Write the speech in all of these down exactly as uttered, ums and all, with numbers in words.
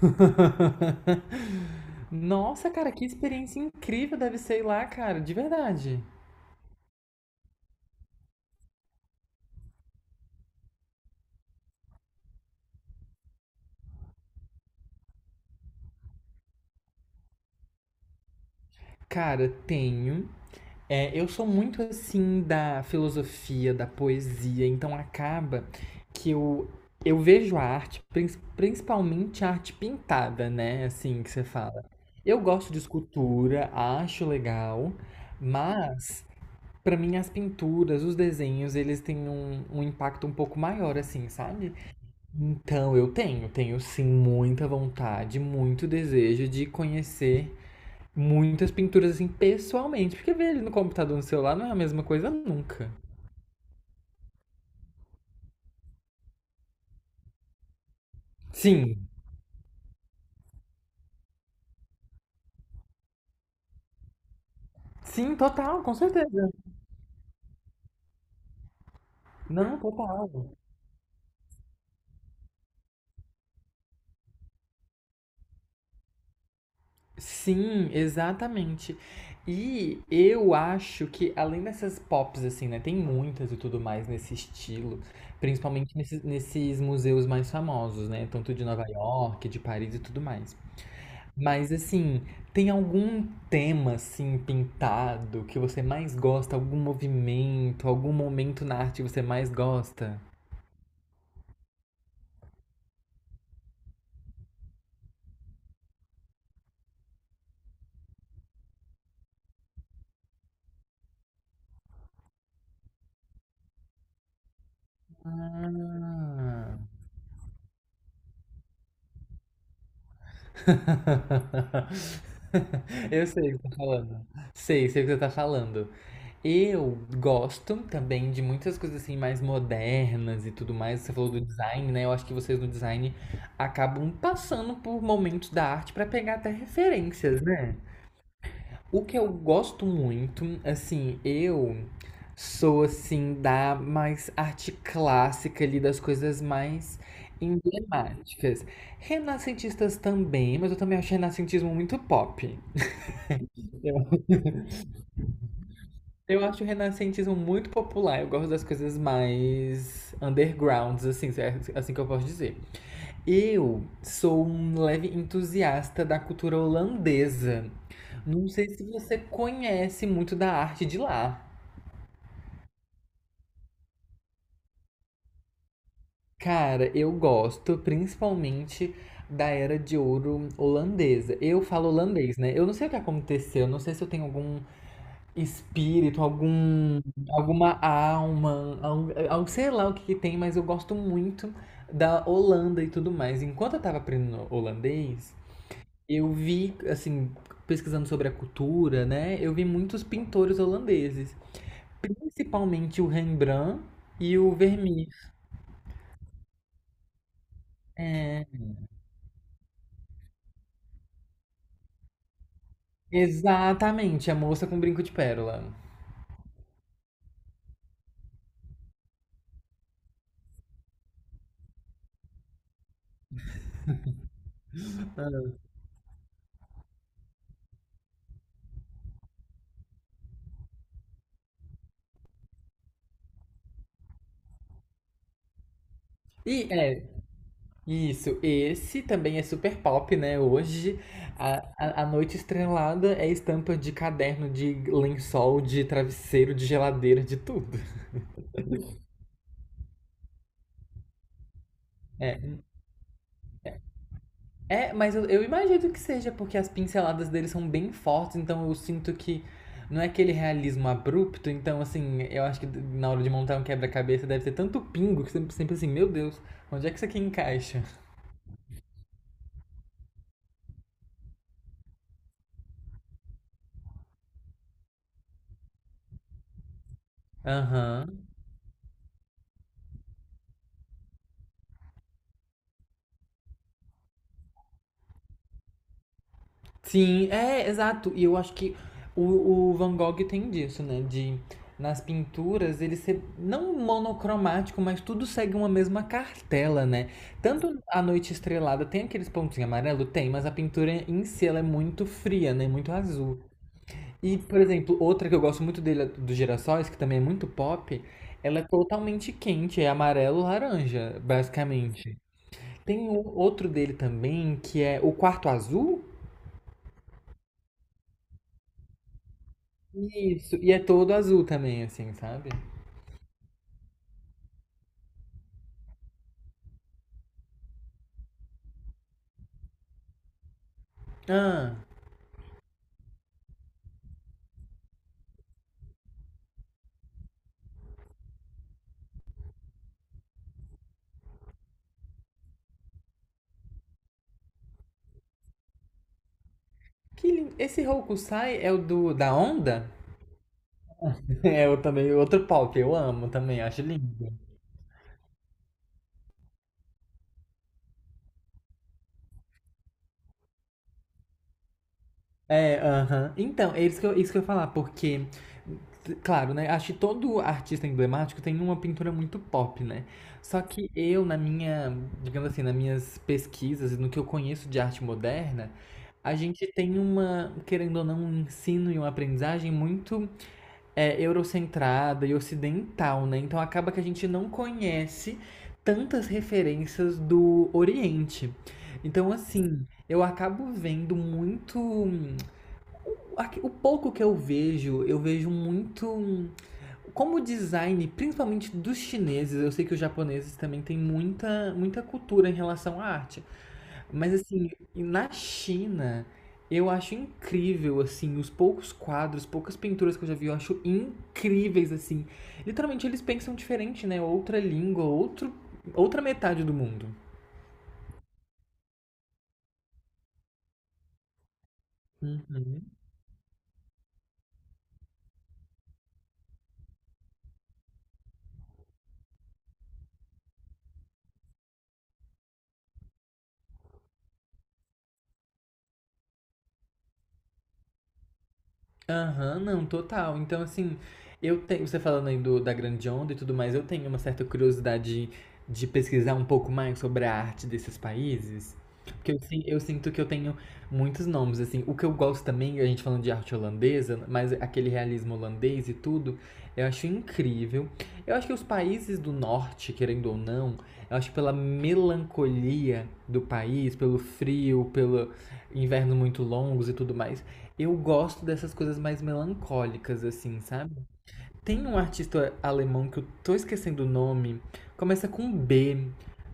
Nossa, cara, que experiência incrível deve ser ir lá, cara, de verdade. Cara, tenho. É, eu sou muito assim da filosofia, da poesia, então acaba que eu, eu vejo a arte, prin- principalmente a arte pintada, né? Assim que você fala. Eu gosto de escultura, acho legal, mas pra mim as pinturas, os desenhos, eles têm um, um impacto um pouco maior, assim, sabe? Então, eu tenho, tenho sim muita vontade, muito desejo de conhecer muitas pinturas assim pessoalmente, porque ver ele no computador, no celular não é a mesma coisa nunca. Sim, sim, total, com certeza. Não, total. Sim, exatamente. E eu acho que além dessas pops assim, né, tem muitas e tudo mais nesse estilo, principalmente nesses, nesses museus mais famosos, né, tanto de Nova York, de Paris e tudo mais. Mas assim, tem algum tema assim pintado que você mais gosta? Algum movimento, algum momento na arte que você mais gosta? Ah. Eu sei o que você tá falando. Sei, sei o que você tá falando. Eu gosto também de muitas coisas assim mais modernas e tudo mais. Você falou do design, né? Eu acho que vocês no design acabam passando por momentos da arte pra pegar até referências, né? O que eu gosto muito, assim, eu sou assim da mais arte clássica ali, das coisas mais emblemáticas. Renascentistas também, mas eu também acho renascentismo muito pop. Eu, eu acho o renascentismo muito popular, eu gosto das coisas mais undergrounds, assim, se é assim que eu posso dizer. Eu sou um leve entusiasta da cultura holandesa. Não sei se você conhece muito da arte de lá. Cara, eu gosto principalmente da era de ouro holandesa. Eu falo holandês, né? Eu não sei o que aconteceu, não sei se eu tenho algum espírito, algum, alguma alma, algo, algo- sei lá o que que tem, mas eu gosto muito da Holanda e tudo mais. Enquanto eu tava aprendendo holandês, eu vi, assim, pesquisando sobre a cultura, né? Eu vi muitos pintores holandeses, principalmente o Rembrandt e o Vermeer. É, Exatamente, a moça com brinco de pérola. E é, isso, esse também é super pop, né? Hoje, a, a, a noite estrelada é estampa de caderno, de lençol, de travesseiro, de geladeira, de tudo. É, é mas eu, eu imagino que seja porque as pinceladas dele são bem fortes, então eu sinto que não é aquele realismo abrupto, então assim, eu acho que na hora de montar um quebra-cabeça deve ter tanto pingo que sempre, sempre assim, meu Deus, onde é que isso aqui encaixa? Aham. Sim, é, exato. E eu acho que o, o Van Gogh tem disso, né? De nas pinturas ele ser não monocromático, mas tudo segue uma mesma cartela, né? Tanto a noite estrelada tem aqueles pontinhos amarelo, tem, mas a pintura em si ela é muito fria, né? Muito azul. E, por exemplo, outra que eu gosto muito dele, a dos girassóis, que também é muito pop, ela é totalmente quente, é amarelo-laranja, basicamente. Tem um outro dele também, que é o quarto azul. Isso, e é todo azul também, assim, sabe? Ah, que lindo. Esse Hokusai é o do da onda? É o também outro pau que eu amo também, acho lindo. É, aham. Então, é isso que eu, isso que eu ia falar, porque, t- claro, né? Acho que todo artista emblemático tem uma pintura muito pop, né? Só que eu, na minha, digamos assim, nas minhas pesquisas, no que eu conheço de arte moderna, a gente tem uma, querendo ou não, um ensino e uma aprendizagem muito é, eurocentrada e ocidental, né? Então acaba que a gente não conhece tantas referências do Oriente. Então, assim, eu acabo vendo muito o pouco que eu vejo, eu vejo muito um, como design, principalmente dos chineses, eu sei que os japoneses também têm muita, muita cultura em relação à arte. Mas assim, na China, eu acho incrível assim, os poucos quadros, poucas pinturas que eu já vi, eu acho incríveis assim. Literalmente eles pensam diferente, né? Outra língua, outro, outra metade do mundo. Hum. Aham, não, total. Então, assim, eu tenho, você falando aí do, da grande onda e tudo mais, eu tenho uma certa curiosidade de pesquisar um pouco mais sobre a arte desses países. Porque eu, sin- eu sinto que eu tenho muitos nomes, assim. O que eu gosto também, a gente falando de arte holandesa, mas aquele realismo holandês e tudo, eu acho incrível. Eu acho que os países do norte, querendo ou não, eu acho que pela melancolia do país, pelo frio, pelo inverno muito longos e tudo mais, eu gosto dessas coisas mais melancólicas, assim, sabe? Tem um artista alemão que eu tô esquecendo o nome, começa com B,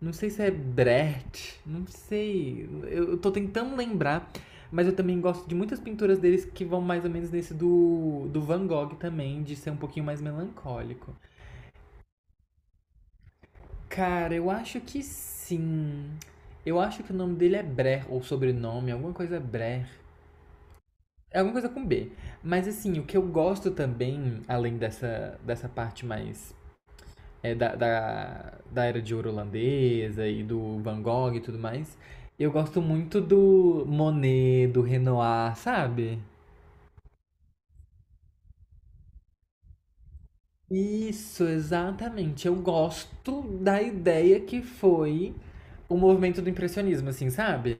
não sei se é Brecht, não sei, eu eu tô tentando lembrar, mas eu também gosto de muitas pinturas deles que vão mais ou menos nesse do, do Van Gogh também, de ser um pouquinho mais melancólico. Cara, eu acho que sim. Eu acho que o nome dele é Brecht, ou sobrenome, alguma coisa Brecht. É alguma coisa com B. Mas assim, o que eu gosto também, além dessa, dessa parte mais é, da, da, da era de ouro holandesa e do Van Gogh e tudo mais, eu gosto muito do Monet, do Renoir, sabe? Isso, exatamente. Eu gosto da ideia que foi o movimento do impressionismo, assim, sabe?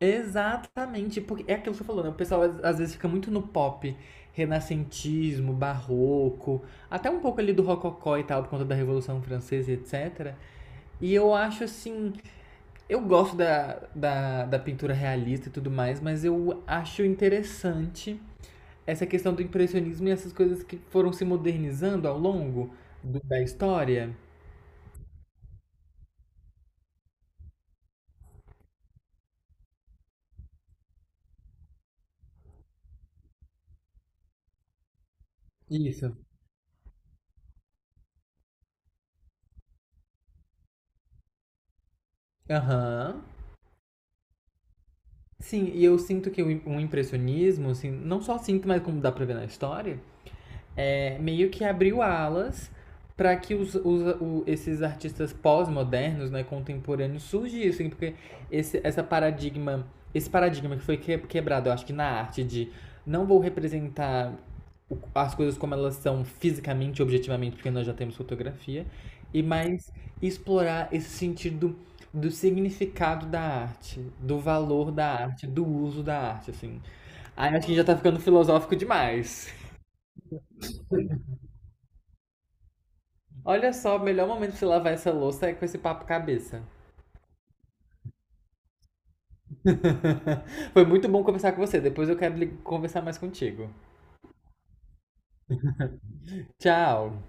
Exatamente, porque é aquilo que você falou, né? O pessoal às- às vezes fica muito no pop, renascentismo, barroco, até um pouco ali do rococó e tal, por conta da Revolução Francesa e et cetera. E eu acho assim, eu gosto da, da, da pintura realista e tudo mais, mas eu acho interessante essa questão do impressionismo e essas coisas que foram se modernizando ao longo do- da história. Isso. Aham. Sim, e eu sinto que o im- um impressionismo, assim, não só sinto, mas como dá pra ver na história, é, meio que abriu alas para que os, os o- esses artistas pós-modernos, né, contemporâneos surgissem, porque esse essa paradigma, esse paradigma que foi quebrado, eu acho que na arte de não vou representar as coisas como elas são fisicamente, objetivamente, porque nós já temos fotografia, e mais explorar esse sentido do significado da arte, do valor da arte, do uso da arte, assim. Aí acho que já tá ficando filosófico demais. Olha só, o melhor momento de se lavar essa louça é com esse papo cabeça. Foi muito bom conversar com você. Depois eu quero li- conversar mais contigo. Tchau.